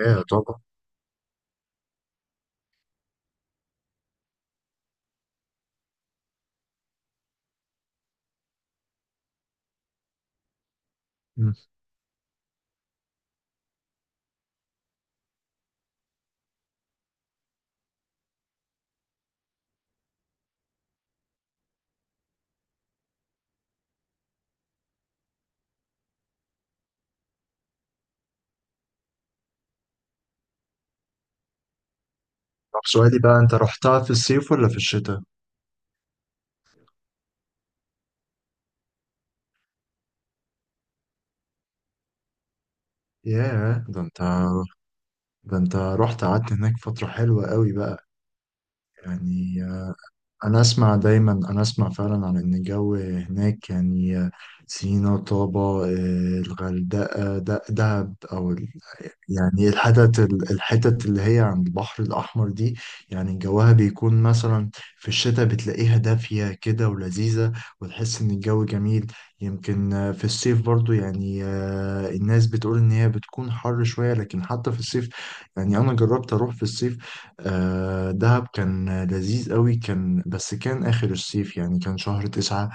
ياه طبعا. مم. طب سؤالي بقى، انت رحتها في الصيف ولا في الشتاء؟ ياه ده انت، ده انت رحت قعدت هناك فترة حلوة قوي بقى. يعني انا اسمع فعلا عن ان الجو هناك، يعني سينا، طابة، الغردقة، دهب او يعني الحتت اللي هي عند البحر الأحمر دي، يعني جوها بيكون مثلا في الشتاء بتلاقيها دافية كده ولذيذة، وتحس إن الجو جميل. يمكن في الصيف برضو، يعني الناس بتقول إن هي بتكون حر شوية، لكن حتى في الصيف يعني أنا جربت أروح في الصيف. دهب كان لذيذ قوي، كان بس كان آخر الصيف، يعني كان شهر تسعة.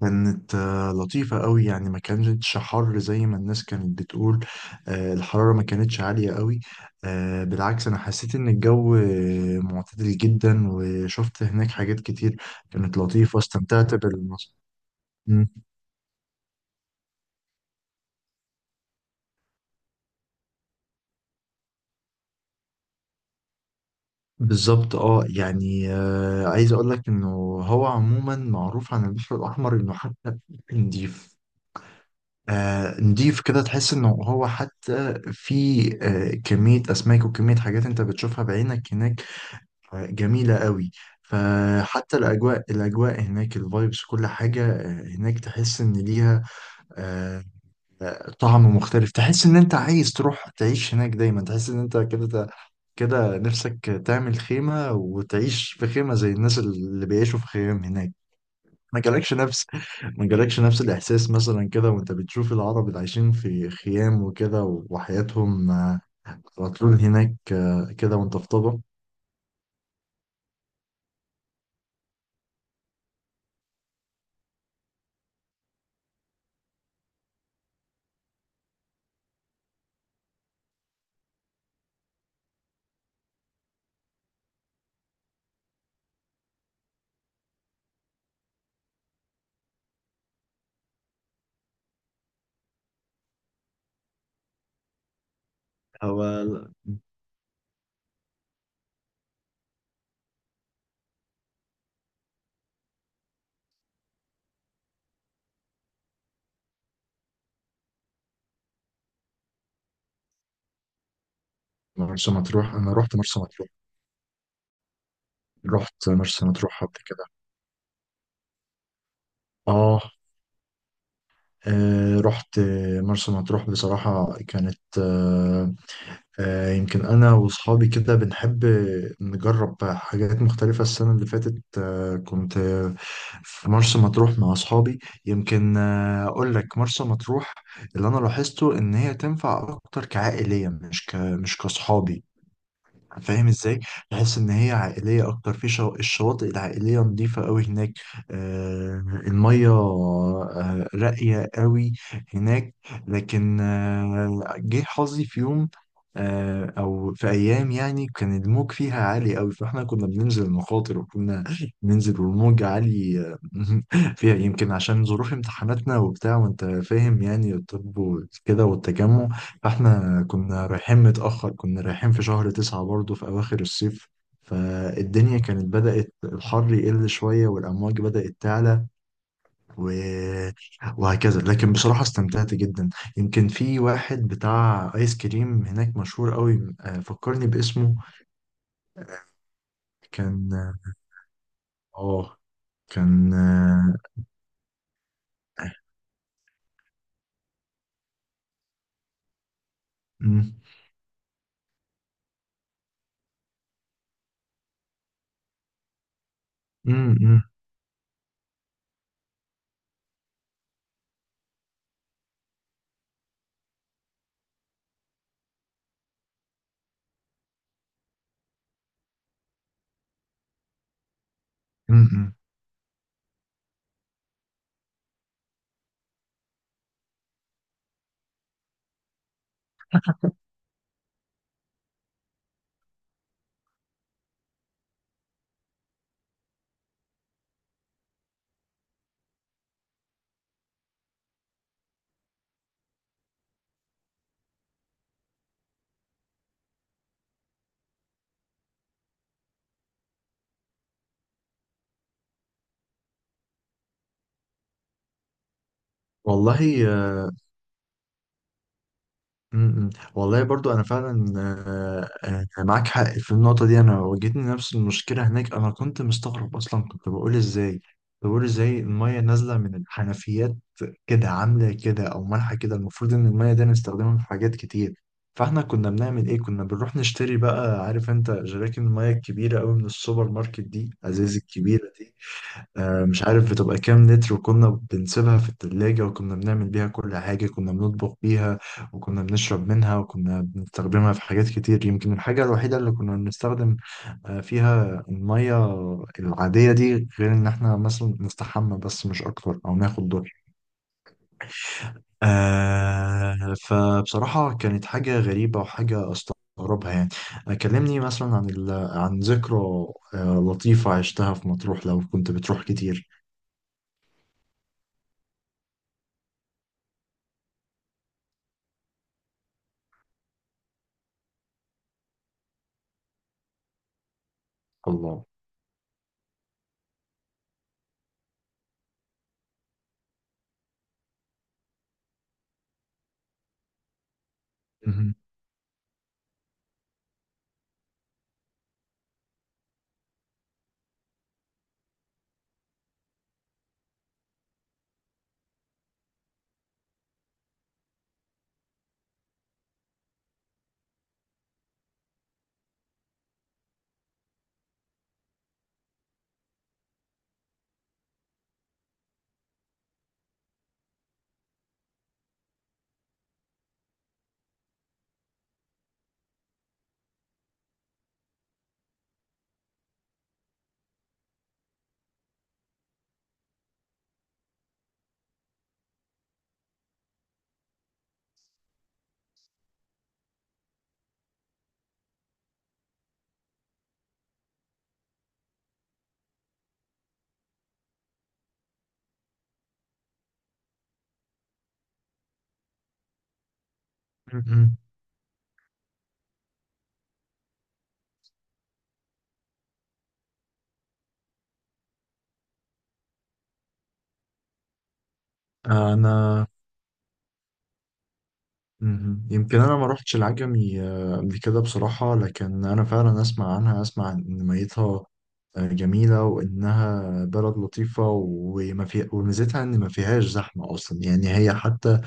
كانت لطيفة قوي، يعني ما كانتش حر زي ما الناس كانت بتقول. الحرارة ما كانتش عالية قوي. بالعكس، أنا حسيت إن الجو معتدل جدا، وشفت هناك حاجات كتير كانت لطيفة، استمتعت بالمصر. مم. بالظبط، اه، يعني عايز أقول لك إنه هو عموما معروف عن البحر الأحمر إنه حتى نضيف، نضيف كده، تحس انه هو حتى في كمية اسماك وكمية حاجات انت بتشوفها بعينك هناك جميلة قوي. فحتى الأجواء، هناك، الفايبس، كل حاجة هناك تحس إن ليها آه، طعم مختلف. تحس إن أنت عايز تروح تعيش هناك دايما، تحس إن أنت كده نفسك تعمل خيمة وتعيش في خيمة زي الناس اللي بيعيشوا في خيام هناك. ما جالكش نفس ما جالكش نفس الإحساس مثلا كده وأنت بتشوف العرب اللي عايشين في خيام وكده، وحياتهم على طول هناك كده، وأنت في طبق. هو مرسى مطروح، انا رحت مرسى مطروح، رحت مرسى مطروح قبل كده. اه. رحت مرسى مطروح. بصراحة كانت يمكن أنا وأصحابي كده بنحب نجرب حاجات مختلفة. السنة اللي فاتت كنت في مرسى مطروح مع أصحابي. يمكن أقول لك مرسى مطروح اللي أنا لاحظته إن هي تنفع أكتر كعائلية، مش مش كأصحابي. فاهم ازاي؟ تحس ان هي عائليه اكتر في الشواطئ العائليه نظيفه قوي هناك. آه الميه آه راقيه قوي هناك. لكن آه جه حظي في يوم او في ايام، يعني كان الموج فيها عالي قوي، فاحنا كنا بننزل مخاطر، بننزل والموج عالي فيها يمكن عشان ظروف امتحاناتنا وبتاع، وانت فاهم يعني الطب وكده والتجمع. فاحنا كنا رايحين متأخر، كنا رايحين في شهر تسعة برضه في أواخر الصيف. فالدنيا كانت بدأت الحر يقل شوية والأمواج بدأت تعلى و... وهكذا. لكن بصراحة استمتعت جدا. يمكن في واحد بتاع آيس كريم هناك مشهور قوي، فكرني باسمه. كان، اه، كان مم، مم، مم، مم. والله م- م. والله برضو انا فعلا معاك حق في النقطه دي. انا واجهتني نفس المشكله هناك، انا كنت مستغرب اصلا، كنت بقول ازاي، بقول ازاي الميه نازله من الحنفيات كده عامله كده او مالحه كده، المفروض ان الميه دي نستخدمها في حاجات كتير. فاحنا كنا بنعمل ايه، كنا بنروح نشتري بقى، عارف انت جراكن الميه الكبيره قوي من السوبر ماركت دي، ازاز الكبيره، مش عارف بتبقى كام لتر، وكنا بنسيبها في التلاجة، وكنا بنعمل بيها كل حاجة، كنا بنطبخ بيها، وكنا بنشرب منها، وكنا بنستخدمها في حاجات كتير. يمكن الحاجة الوحيدة اللي كنا بنستخدم فيها المية العادية دي غير إن إحنا مثلا نستحمى، بس مش أكتر، أو ناخد دور. آه، فبصراحة كانت حاجة غريبة وحاجة أستغربها يعني. كلمني مثلا عن عن ذكرى لطيفة عشتها في مطروح لو كنت بتروح كتير. الله. م-م. انا م-م. يمكن انا ما روحتش العجمي قبل كده بصراحة، لكن انا فعلا اسمع عنها، اسمع ان ميتها جميلة، وانها بلد لطيفة، وما في، وميزتها ان ما فيهاش زحمة اصلا، يعني هي حتى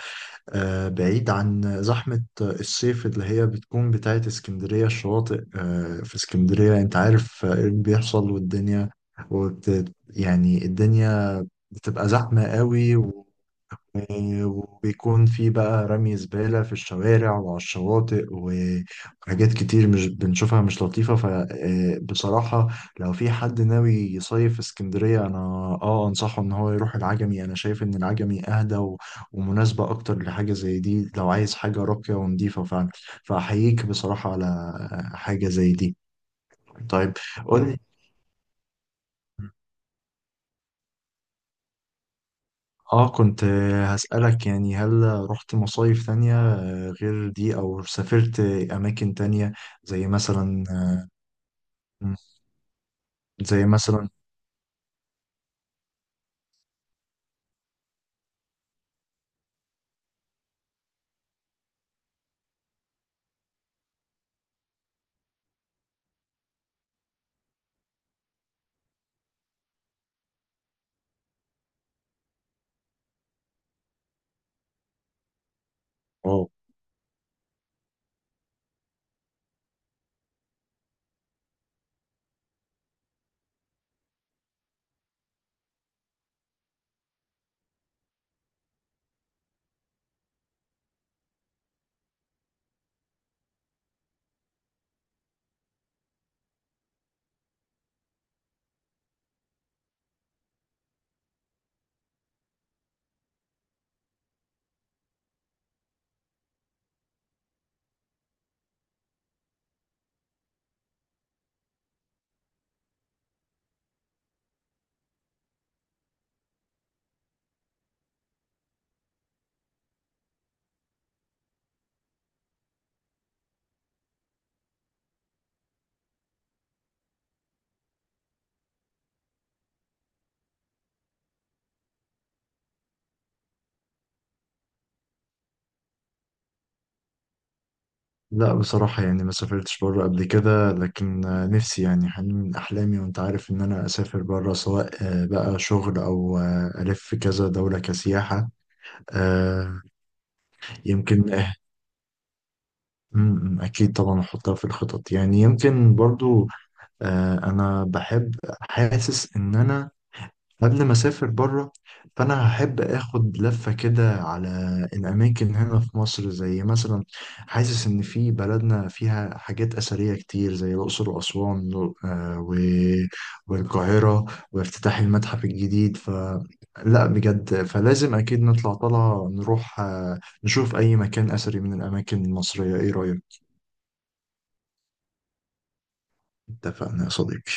بعيد عن زحمة الصيف اللي هي بتكون بتاعت اسكندرية. الشواطئ في اسكندرية انت عارف ايه اللي بيحصل، والدنيا يعني الدنيا بتبقى زحمة قوي، وبيكون في بقى رمي زبالة في الشوارع وعلى الشواطئ، وحاجات كتير مش بنشوفها مش لطيفة. فبصراحة لو في حد ناوي يصيف في اسكندرية، أنا آه أنصحه إن هو يروح العجمي. أنا شايف إن العجمي أهدى ومناسبة أكتر لحاجة زي دي، لو عايز حاجة راقية ونضيفة فعلا. فأحييك بصراحة على حاجة زي دي. طيب قول لي. آه، كنت هسألك، يعني هل رحت مصايف تانية غير دي، او سافرت اماكن تانية، زي مثلا زي مثلا؟ اه لا، بصراحة يعني ما سافرتش بره قبل كده، لكن نفسي يعني، حلم من أحلامي وأنت عارف، إن أنا أسافر بره سواء بقى شغل أو ألف كذا دولة كسياحة. آه، يمكن م، أكيد طبعا أحطها في الخطط، يعني يمكن برضو أنا بحب، حاسس إن أنا قبل ما اسافر بره، فانا هحب اخد لفه كده على الاماكن هنا في مصر. زي مثلا حاسس ان في بلدنا فيها حاجات اثريه كتير، زي الاقصر واسوان آه، و- والقاهره، وافتتاح المتحف الجديد. ف، لا بجد، فلازم اكيد نطلع طلعه نروح نشوف اي مكان اثري من الاماكن المصريه. ايه رايك؟ اتفقنا يا صديقي.